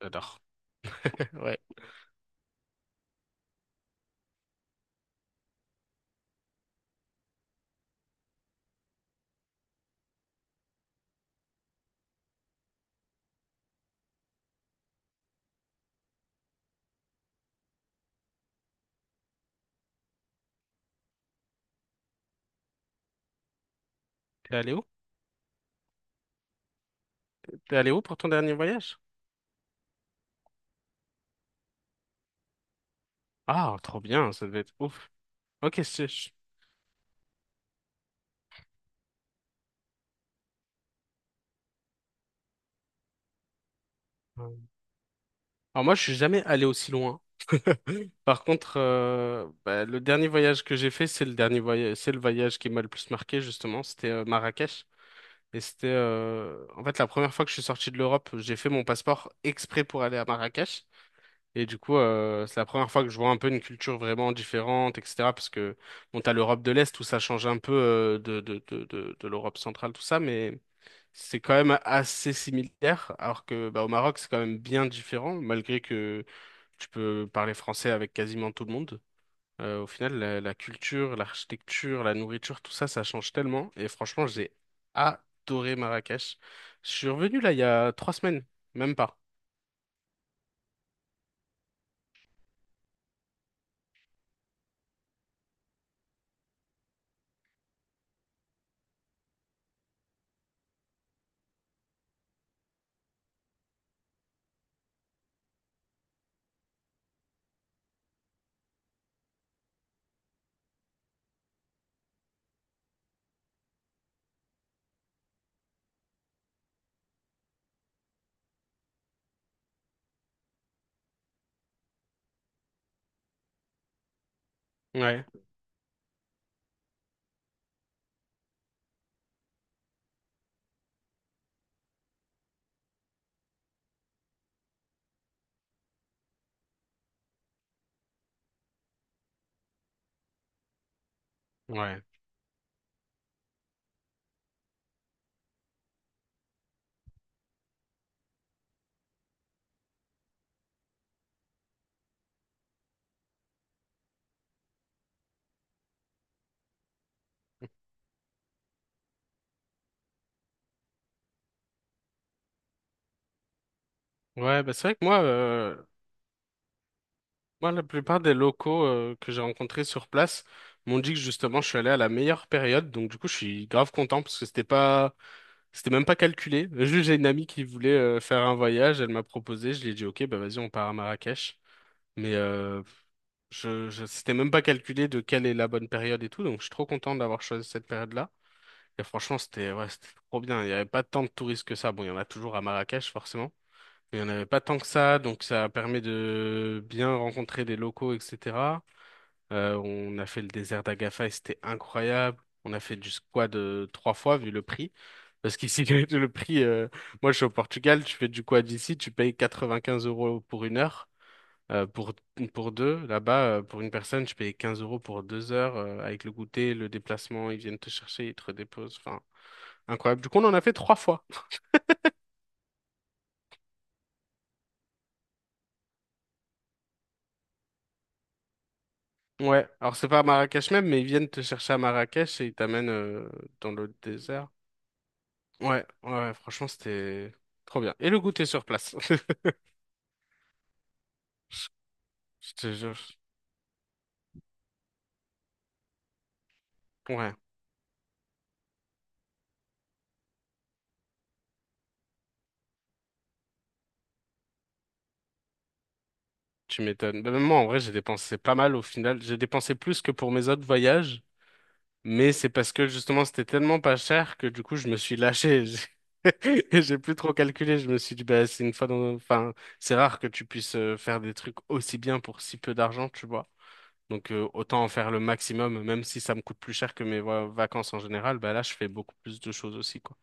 J'adore. Ouais. T'es allé où? T'es allé où pour ton dernier voyage? Ah, trop bien, ça devait être ouf. Ok. Alors moi, je suis jamais allé aussi loin. Par contre, bah, le dernier voyage que j'ai fait, c'est le dernier voyage, c'est le voyage qui m'a le plus marqué justement. C'était Marrakech et c'était en fait la première fois que je suis sorti de l'Europe. J'ai fait mon passeport exprès pour aller à Marrakech. Et du coup, c'est la première fois que je vois un peu une culture vraiment différente, etc. Parce que, bon, t'as l'Europe de l'Est où ça change un peu de l'Europe centrale, tout ça, mais c'est quand même assez similaire. Alors que, bah, au Maroc, c'est quand même bien différent, malgré que tu peux parler français avec quasiment tout le monde. Au final, la culture, l'architecture, la nourriture, tout ça, ça change tellement. Et franchement, j'ai adoré Marrakech. Je suis revenu là il y a 3 semaines, même pas. Ouais, ouais. Ouais, bah c'est vrai que moi, la plupart des locaux que j'ai rencontrés sur place m'ont dit que justement je suis allé à la meilleure période, donc du coup je suis grave content parce que c'était pas, c'était même pas calculé. Juste j'ai une amie qui voulait faire un voyage, elle m'a proposé, je lui ai dit ok, bah vas-y on part à Marrakech, mais c'était même pas calculé de quelle est la bonne période et tout, donc je suis trop content d'avoir choisi cette période-là. Et franchement c'était, ouais, c'était trop bien. Il y avait pas tant de touristes que ça. Bon, il y en a toujours à Marrakech forcément. Il n'y en avait pas tant que ça, donc ça permet de bien rencontrer les locaux, etc. On a fait le désert d'Agafay, c'était incroyable. On a fait du squad trois fois vu le prix. Parce qu'ici, le prix, moi je suis au Portugal, tu fais du quad ici, tu payes 95 euros pour 1 heure, euh, pour, pour deux. Là-bas, pour une personne, tu payes 15 euros pour 2 heures, avec le goûter, le déplacement, ils viennent te chercher, ils te redéposent. Enfin, incroyable. Du coup, on en a fait trois fois. Ouais, alors c'est pas à Marrakech même, mais ils viennent te chercher à Marrakech et ils t'amènent dans le désert. Ouais, ouais, franchement, c'était trop bien. Et le goûter sur place. Je te jure. Ouais, tu m'étonnes. Bah, même moi, en vrai, j'ai dépensé pas mal au final. J'ai dépensé plus que pour mes autres voyages, mais c'est parce que justement, c'était tellement pas cher que du coup, je me suis lâché. J'ai plus trop calculé. Je me suis dit, bah, c'est une fois dans... enfin, c'est rare que tu puisses faire des trucs aussi bien pour si peu d'argent, tu vois. Donc autant en faire le maximum, même si ça me coûte plus cher que mes vacances en général, bah là je fais beaucoup plus de choses aussi, quoi.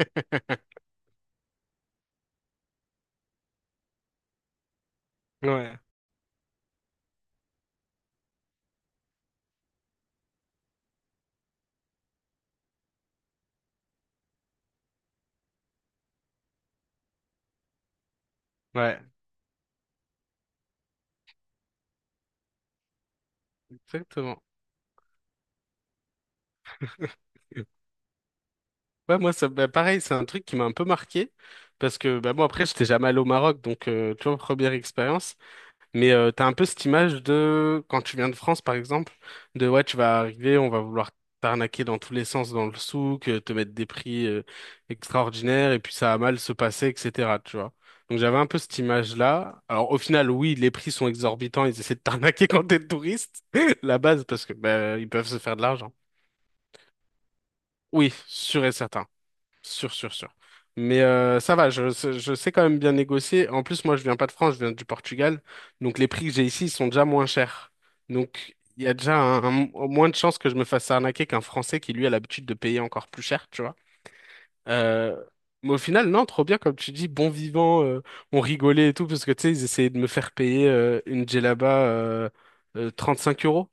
Ouais, ouais, exactement. Ouais, moi, ça, bah, pareil, c'est un truc qui m'a un peu marqué parce que bah, moi, après, j'étais jamais allé au Maroc, donc tu vois, première expérience. Mais t'as un peu cette image de, quand tu viens de France par exemple, de ouais, tu vas arriver, on va vouloir t'arnaquer dans tous les sens dans le souk, te mettre des prix extraordinaires, et puis ça a mal se passer, etc. Tu vois. Donc j'avais un peu cette image-là. Alors au final, oui, les prix sont exorbitants, ils essaient de t'arnaquer quand t'es touriste, la base, parce que bah, ils peuvent se faire de l'argent. Oui, sûr et certain. Sûr, sûr, sûr. Mais ça va, je sais quand même bien négocier. En plus, moi, je viens pas de France, je viens du Portugal. Donc, les prix que j'ai ici ils sont déjà moins chers. Donc, il y a déjà moins de chances que je me fasse arnaquer qu'un Français qui, lui, a l'habitude de payer encore plus cher, tu vois. Euh, mais au final, non, trop bien, comme tu dis, bon vivant, on rigolait et tout, parce que, tu sais, ils essayaient de me faire payer une djellaba 35 euros.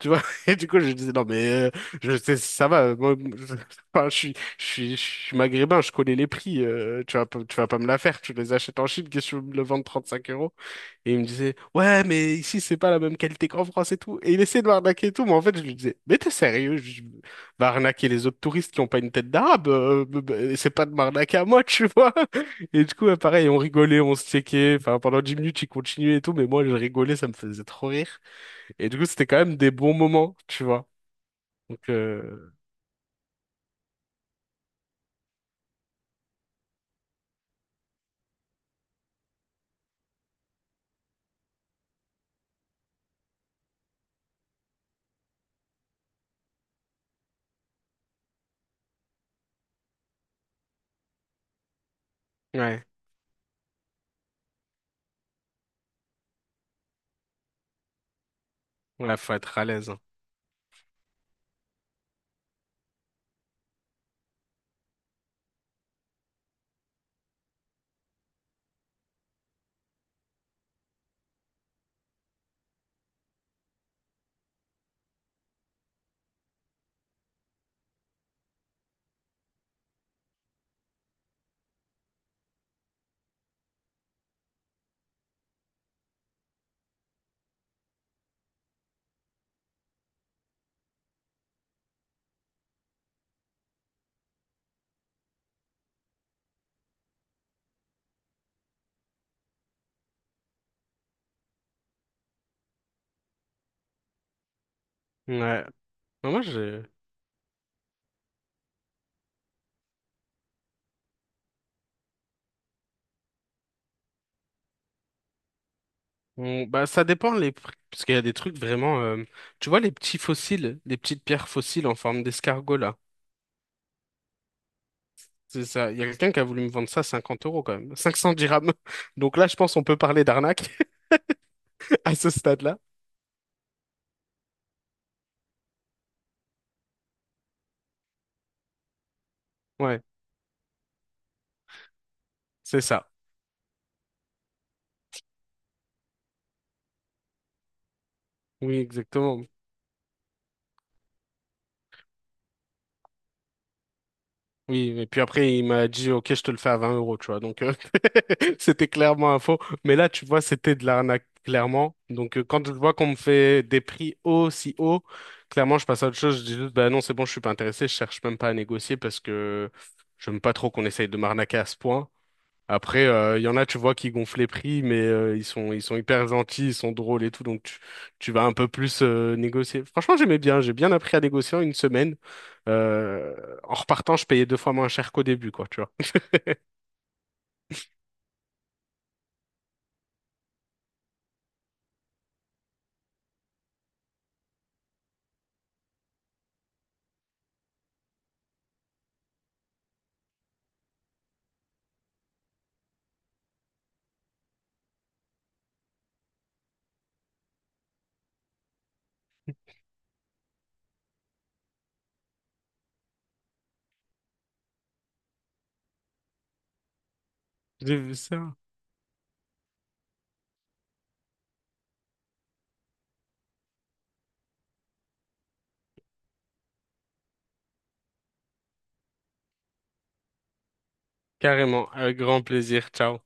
Tu vois, et du coup, je disais, non, mais je sais, si ça va. Moi, je, enfin, je suis maghrébin, je connais les prix. Tu vas pas me la faire. Tu les achètes en Chine, qu'est-ce que tu veux me le vendre 35 euros? Et il me disait, ouais, mais ici, c'est pas la même qualité qu'en France et tout. Et il essayait de m'arnaquer et tout. Mais en fait, je lui disais, mais t'es sérieux? Je va arnaquer les autres touristes qui ont pas une tête d'arabe. C'est pas de m'arnaquer à moi, tu vois. Et du coup, ouais, pareil, on rigolait, on se checkait. Enfin, pendant 10 minutes, il continuait et tout. Mais moi, je rigolais, ça me faisait trop rire. Et du coup, c'était quand même des bons moments, tu vois. Donc, ouais, ouais, faut être à l'aise, hein. Ouais. Mais moi, bah, ça dépend les prix, parce qu'il y a des trucs vraiment. Tu vois, les petits fossiles, les petites pierres fossiles en forme d'escargot, là. C'est ça. Il y a quelqu'un qui a voulu me vendre ça à 50 euros, quand même. 500 dirhams. Donc là, je pense qu'on peut parler d'arnaque à ce stade-là. Ouais, c'est ça. Oui, exactement. Oui, et puis après, il m'a dit, OK, je te le fais à 20 euros, tu vois. Donc, c'était clairement un faux. Mais là, tu vois, c'était de l'arnaque, clairement. Donc, quand je vois qu'on me fait des prix aussi hauts, clairement, je passe à autre chose. Je dis juste, bah non, c'est bon, je suis pas intéressé. Je cherche même pas à négocier parce que j'aime pas trop qu'on essaye de m'arnaquer à ce point. Après, il y en a, tu vois, qui gonflent les prix, mais ils sont hyper gentils, ils sont drôles et tout, donc tu vas un peu plus négocier. Franchement, j'aimais bien, j'ai bien appris à négocier en 1 semaine. Euh, En repartant, je payais deux fois moins cher qu'au début, quoi, tu vois. J'ai vu ça. Carrément, avec grand plaisir. Ciao.